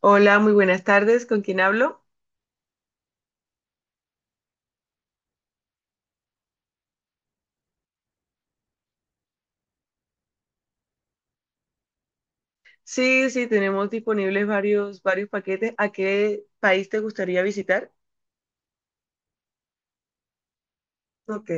Hola, muy buenas tardes. ¿Con quién hablo? Sí, sí, tenemos disponibles varios paquetes. ¿A qué país te gustaría visitar? Ok.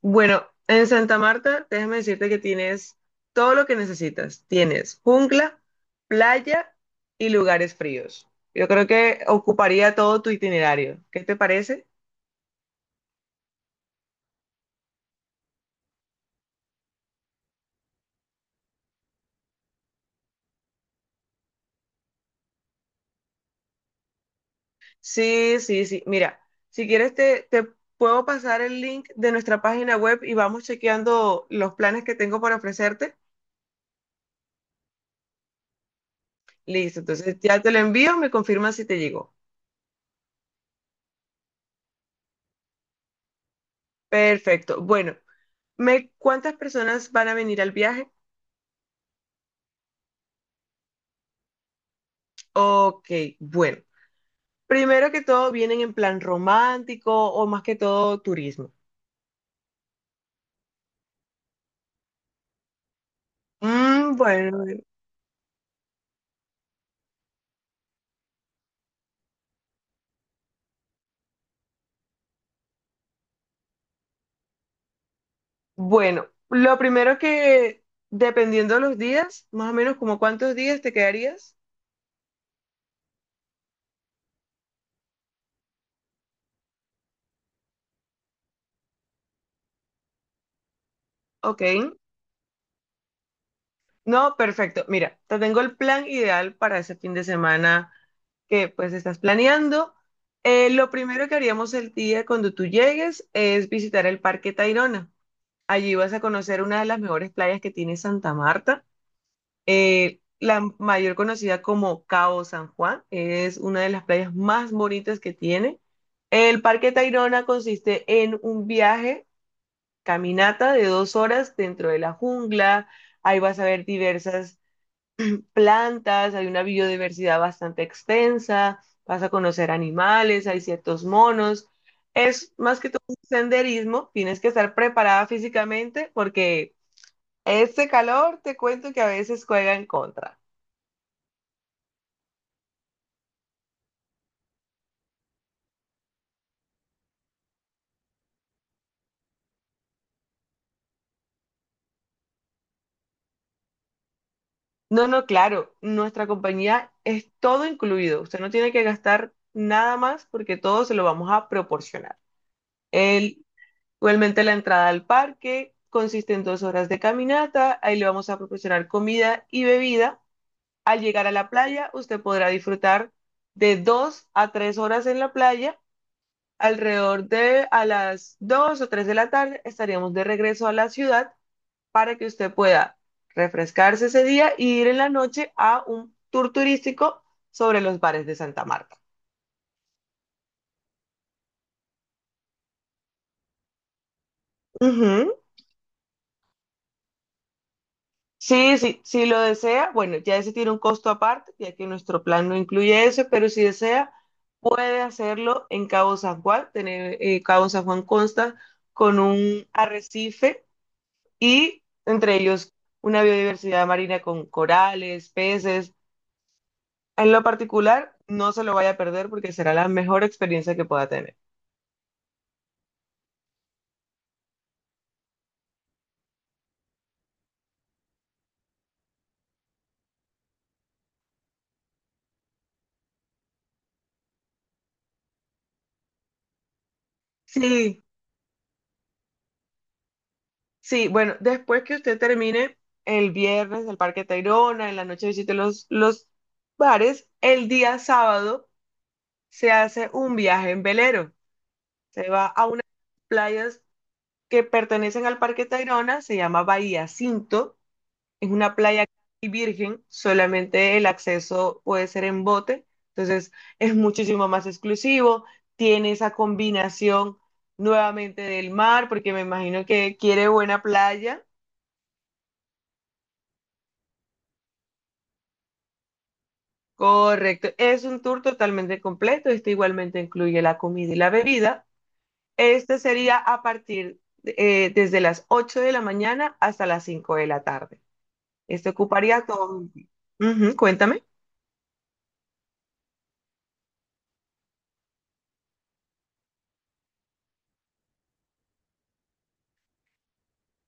Bueno, en Santa Marta, déjame decirte que tienes todo lo que necesitas. Tienes jungla, playa y lugares fríos. Yo creo que ocuparía todo tu itinerario. ¿Qué te parece? Sí, sí, sí. Mira, si quieres te puedo pasar el link de nuestra página web y vamos chequeando los planes que tengo para ofrecerte. Listo, entonces ya te lo envío, me confirmas si te llegó. Perfecto. Bueno, cuántas personas van a venir al viaje? Ok, bueno. Primero que todo, ¿vienen en plan romántico o más que todo turismo? Bueno, bueno, lo primero que, dependiendo de los días, más o menos como cuántos días te quedarías. Ok. No, perfecto. Mira, te tengo el plan ideal para ese fin de semana que pues estás planeando. Lo primero que haríamos el día cuando tú llegues es visitar el Parque Tayrona. Allí vas a conocer una de las mejores playas que tiene Santa Marta. La mayor conocida como Cabo San Juan es una de las playas más bonitas que tiene. El Parque Tayrona consiste en un viaje, caminata de 2 horas dentro de la jungla. Ahí vas a ver diversas plantas, hay una biodiversidad bastante extensa, vas a conocer animales, hay ciertos monos. Es más que todo un senderismo, tienes que estar preparada físicamente porque este calor te cuento que a veces juega en contra. No, no, claro, nuestra compañía es todo incluido. Usted no tiene que gastar nada más porque todo se lo vamos a proporcionar. El, Igualmente la entrada al parque consiste en 2 horas de caminata, ahí le vamos a proporcionar comida y bebida. Al llegar a la playa, usted podrá disfrutar de 2 a 3 horas en la playa. Alrededor de a las 2 o 3 de la tarde estaríamos de regreso a la ciudad para que usted pueda refrescarse ese día y ir en la noche a un tour turístico sobre los bares de Santa Marta. Ujú. Sí, sí, si lo desea, bueno, ya ese tiene un costo aparte, ya que nuestro plan no incluye eso, pero si desea, puede hacerlo en Cabo San Juan. Cabo San Juan consta con un arrecife y entre ellos una biodiversidad marina con corales, peces. En lo particular, no se lo vaya a perder porque será la mejor experiencia que pueda tener. Sí, sí, bueno, después que usted termine el viernes el Parque Tayrona, en la noche visite los bares, el día sábado se hace un viaje en velero. Se va a unas playas que pertenecen al Parque Tayrona, se llama Bahía Cinto, es una playa casi virgen, solamente el acceso puede ser en bote, entonces es muchísimo más exclusivo, tiene esa combinación nuevamente del mar, porque me imagino que quiere buena playa. Correcto, es un tour totalmente completo, este igualmente incluye la comida y la bebida. Este sería a partir desde las 8 de la mañana hasta las 5 de la tarde. Este ocuparía todo tiempo. Ujú, cuéntame.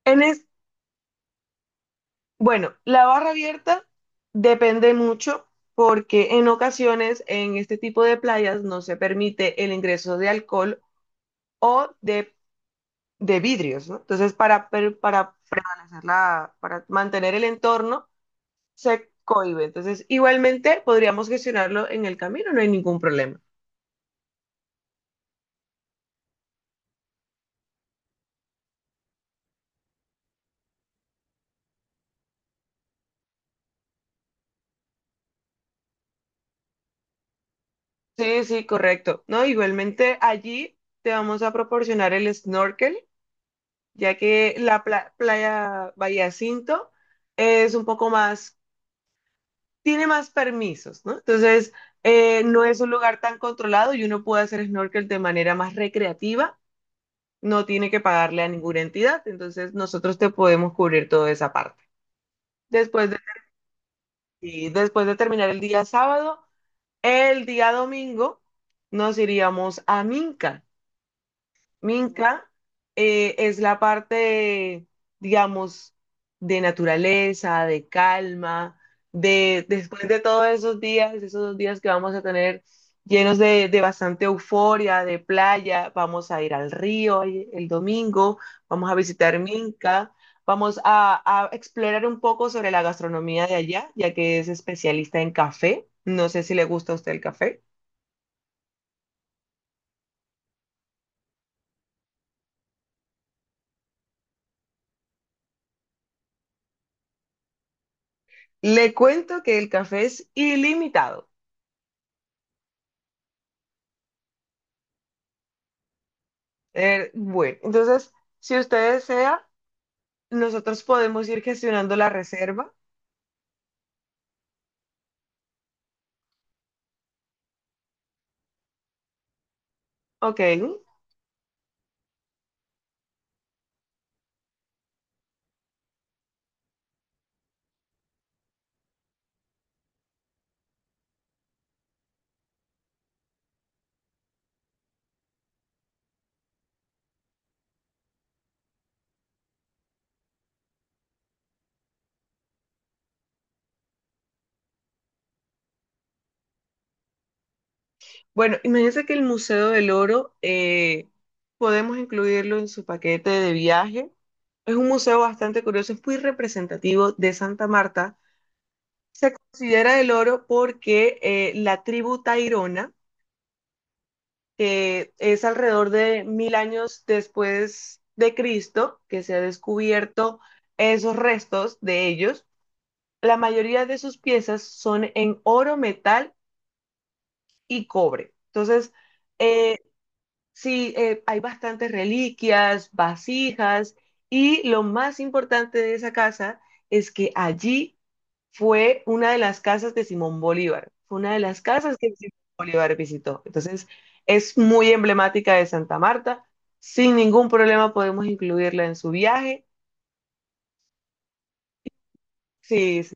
En es, bueno, la barra abierta depende mucho porque en ocasiones en este tipo de playas no se permite el ingreso de alcohol o de vidrios, ¿no? Entonces, para prevalecer la, para mantener el entorno, se cohíbe. Entonces, igualmente podríamos gestionarlo en el camino, no hay ningún problema. Sí, sí, correcto. No, igualmente allí te vamos a proporcionar el snorkel ya que la playa Bahía Cinto es un poco más, tiene más permisos, ¿no? Entonces, no es un lugar tan controlado y uno puede hacer snorkel de manera más recreativa, no tiene que pagarle a ninguna entidad, entonces nosotros te podemos cubrir toda esa parte. Después de, y después de terminar el día sábado, el día domingo nos iríamos a Minca. Minca es la parte, digamos, de naturaleza, de calma, de después de todos esos días, esos 2 días que vamos a tener llenos de bastante euforia, de playa, vamos a ir al río el domingo, vamos a visitar Minca, vamos a explorar un poco sobre la gastronomía de allá, ya que es especialista en café. No sé si le gusta a usted el café. Le cuento que el café es ilimitado. Bueno, entonces, si usted desea, nosotros podemos ir gestionando la reserva. Ok. Bueno, imagínense que el Museo del Oro podemos incluirlo en su paquete de viaje. Es un museo bastante curioso, es muy representativo de Santa Marta. Se considera el oro porque la tribu Tairona, que es alrededor de 1000 años después de Cristo, que se ha descubierto esos restos de ellos. La mayoría de sus piezas son en oro, metal y cobre. Entonces, eh, sí, hay bastantes reliquias, vasijas y lo más importante de esa casa es que allí fue una de las casas de Simón Bolívar. Fue una de las casas que Simón Bolívar visitó. Entonces, es muy emblemática de Santa Marta. Sin ningún problema podemos incluirla en su viaje. Sí, sí.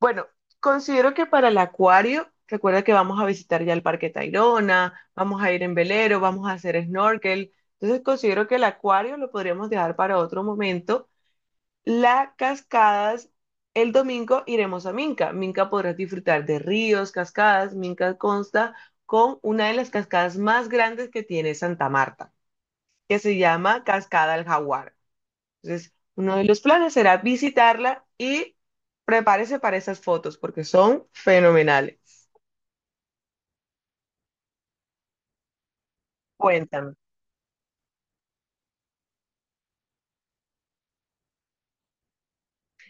Bueno, considero que para el acuario, recuerda que vamos a visitar ya el Parque Tayrona, vamos a ir en velero, vamos a hacer snorkel. Entonces considero que el acuario lo podríamos dejar para otro momento. Las cascadas, el domingo iremos a Minca. Minca podrás disfrutar de ríos, cascadas. Minca consta con una de las cascadas más grandes que tiene Santa Marta, que se llama Cascada del Jaguar. Entonces, uno de los planes será visitarla y prepárese para esas fotos porque son fenomenales. Cuéntame.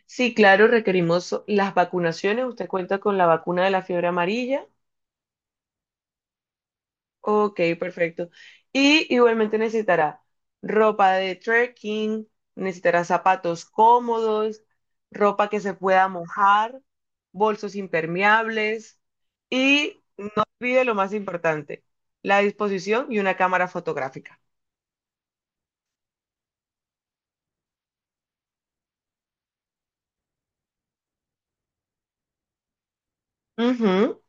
Sí, claro, requerimos las vacunaciones. Usted cuenta con la vacuna de la fiebre amarilla. Ok, perfecto. Y igualmente necesitará ropa de trekking, necesitará zapatos cómodos, ropa que se pueda mojar, bolsos impermeables y no olvide lo más importante, la disposición y una cámara fotográfica. Ujú.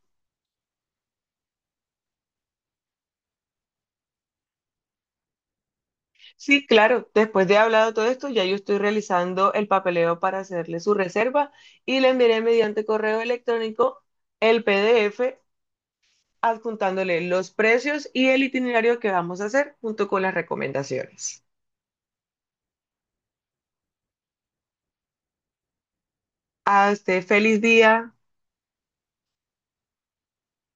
Sí, claro. Después de hablado todo esto, ya yo estoy realizando el papeleo para hacerle su reserva y le enviaré mediante correo electrónico el PDF adjuntándole los precios y el itinerario que vamos a hacer junto con las recomendaciones. Hasta feliz día.